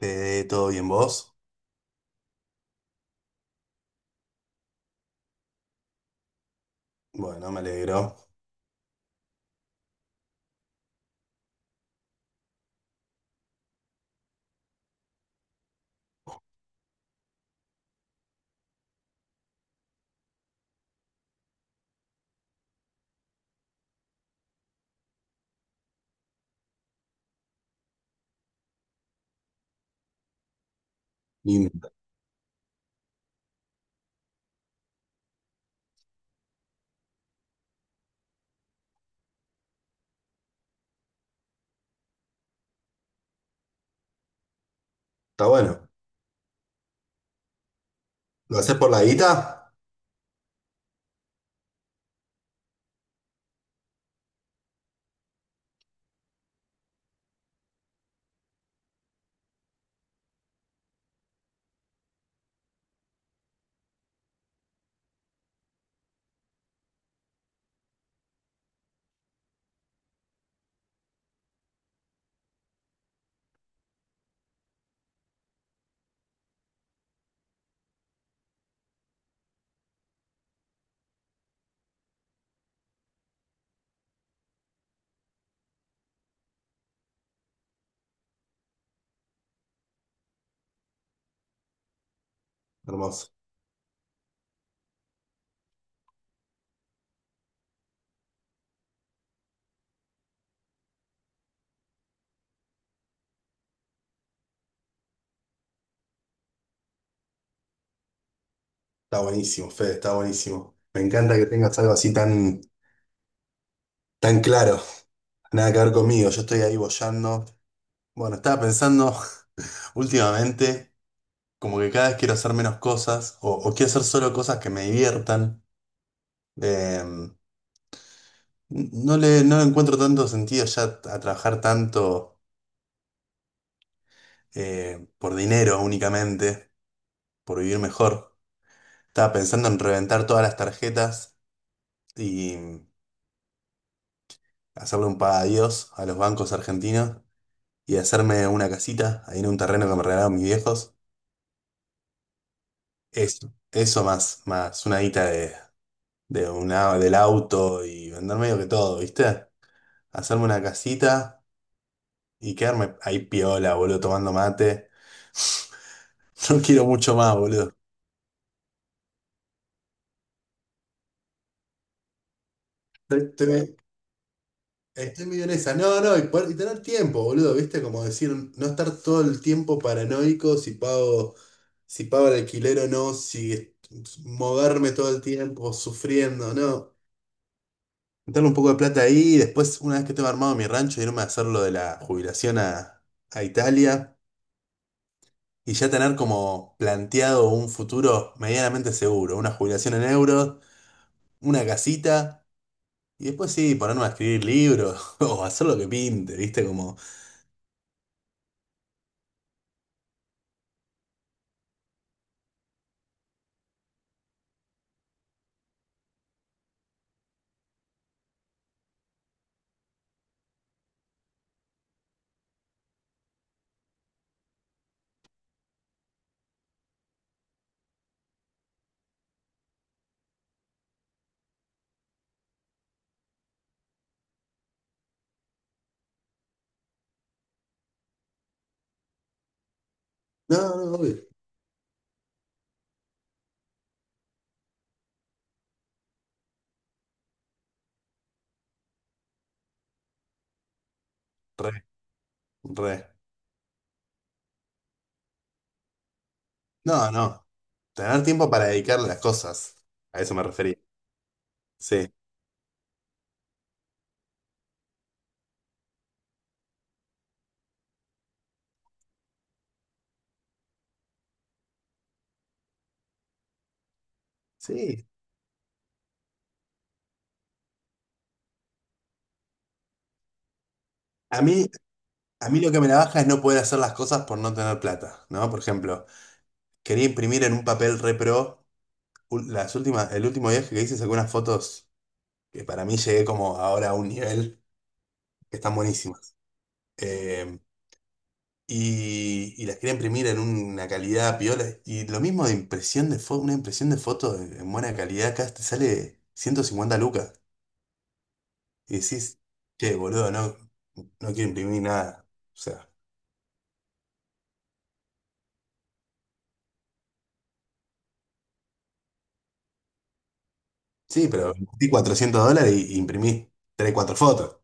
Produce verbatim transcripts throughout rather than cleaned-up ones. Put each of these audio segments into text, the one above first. Eh, ¿todo bien vos? Bueno, me alegro. Lindo. Está bueno. ¿Lo haces por la guita? Hermoso. Está buenísimo, Fede, está buenísimo. Me encanta que tengas algo así tan, tan claro. Nada que ver conmigo, yo estoy ahí boyando. Bueno, estaba pensando últimamente, como que cada vez quiero hacer menos cosas, o, o quiero hacer solo cosas que me diviertan. Eh, no le, no le encuentro tanto sentido ya a trabajar tanto, eh, por dinero únicamente, por vivir mejor. Estaba pensando en reventar todas las tarjetas y hacerle un paga adiós a los bancos argentinos y hacerme una casita ahí en un terreno que me regalaron mis viejos. Eso, eso más, más una guita de, de una, del auto y vender medio que todo, ¿viste? Hacerme una casita y quedarme ahí piola, boludo, tomando mate. No quiero mucho más, boludo. Estoy, estoy- Estoy medio en esa. No, no, y, poder- y tener tiempo, boludo, ¿viste? Como decir, no estar todo el tiempo paranoico si pago, si pago el alquiler o no, si est- moverme todo el tiempo sufriendo, no. Meterle un poco de plata ahí y después, una vez que tengo armado mi rancho, irme a hacer lo de la jubilación a, a Italia y ya tener como planteado un futuro medianamente seguro, una jubilación en euros, una casita y después sí, ponerme a escribir libros o hacer lo que pinte, ¿viste? Como. No, no, obvio. Re, re. No, no. Tener tiempo para dedicarle a las cosas. A eso me refería. Sí. Sí. A mí, a mí lo que me la baja es no poder hacer las cosas por no tener plata, ¿no? Por ejemplo, quería imprimir en un papel re pro. Ul- Las últimas, el último viaje que hice saqué unas fotos que para mí llegué como ahora a un nivel que están buenísimas. Eh, y, y las quería imprimir en una calidad piola. Y lo mismo de impresión de foto, una impresión de foto en buena calidad acá te sale ciento cincuenta lucas. Y decís, che, boludo, no, no quiero imprimir nada. O sea, sí, pero invertí cuatrocientos dólares y y imprimí tres cuatro fotos.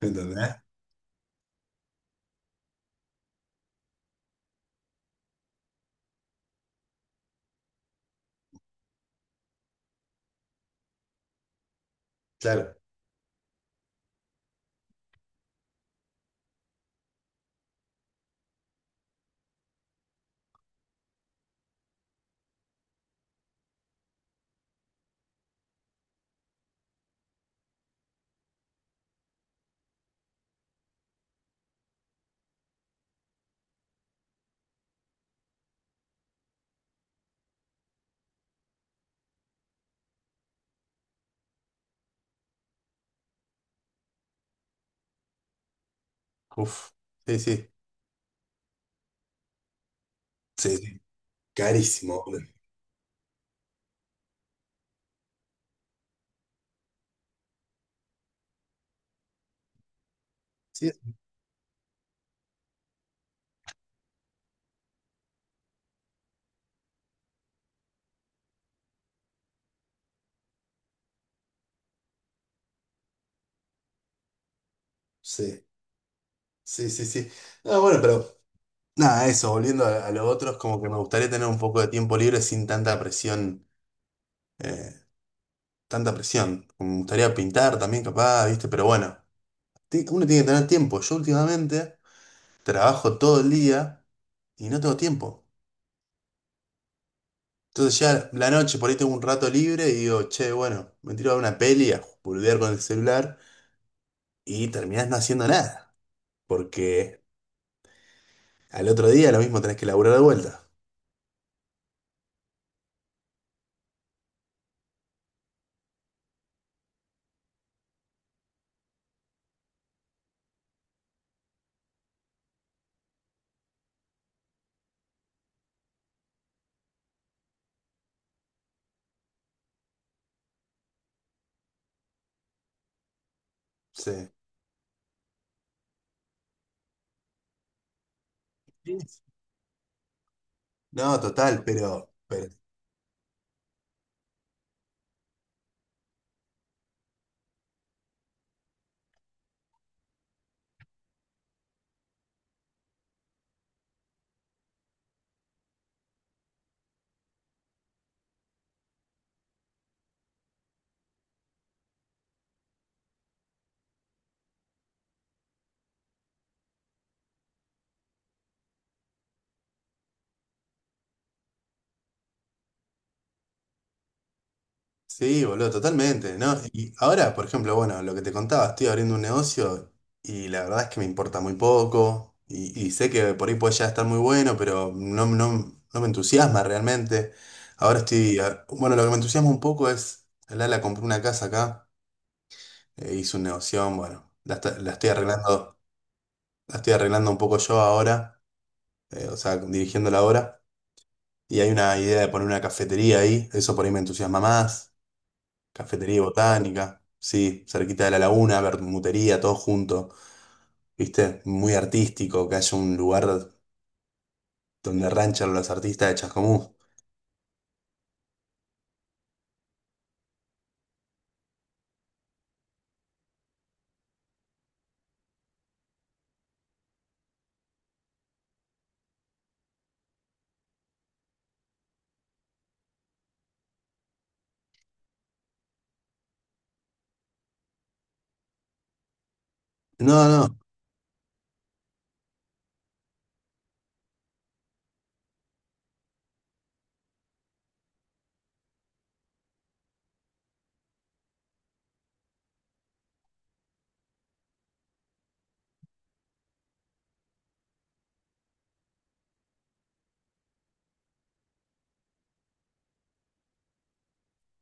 ¿Entendés? Claro. Uf, sí, sí. Sí, sí. Carísimo, boludo. Sí, sí, sí, sí, sí. No, bueno, pero nada, eso, volviendo a, a lo otro, es como que me gustaría tener un poco de tiempo libre sin tanta presión, eh, tanta presión. Me gustaría pintar también, capaz, ¿viste? Pero bueno, ti- uno tiene que tener tiempo. Yo últimamente trabajo todo el día y no tengo tiempo. Entonces ya la noche, por ahí tengo un rato libre y digo, che, bueno, me tiro a ver una peli, a boludear con el celular y terminás no haciendo nada, porque al otro día lo mismo tenés que laburar de vuelta. Sí. Sí. No, total, pero, pero Sí, boludo, totalmente, ¿no? Y ahora, por ejemplo, bueno, lo que te contaba, estoy abriendo un negocio y la verdad es que me importa muy poco y, y sé que por ahí puede ya estar muy bueno, pero no, no, no me entusiasma realmente. Ahora estoy, a- bueno, lo que me entusiasma un poco es, Lala compró una casa acá, eh, hizo un negocio, bueno, la, está- la estoy arreglando, la estoy arreglando un poco yo ahora, eh, o sea, dirigiendo la obra y hay una idea de poner una cafetería ahí, eso por ahí me entusiasma más. Cafetería y botánica, sí, cerquita de la laguna, bermutería, todo junto, ¿viste? Muy artístico, que haya un lugar donde ranchan los artistas de Chascomús. No, no,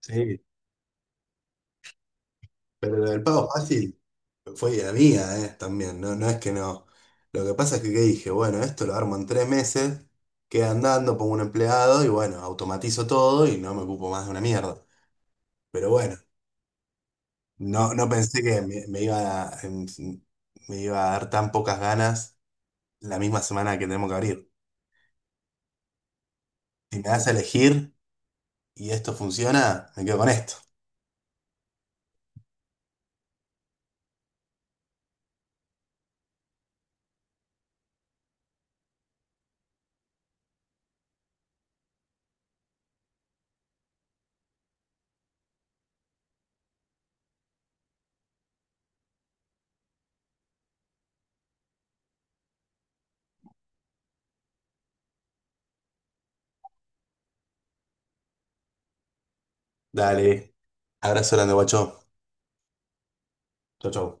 sí, pero lo del pago fácil fue idea mía, eh, también, no, no es que no. Lo que pasa es que, ¿qué dije, bueno, esto lo armo en tres meses, queda andando, pongo un empleado y bueno, automatizo todo y no me ocupo más de una mierda. Pero bueno, no, no pensé que me, me iba a, em, me iba a dar tan pocas ganas la misma semana que tenemos que abrir. Si me das a elegir y esto funciona, me quedo con esto. Dale, abrazo grande, guacho. Chau, chau.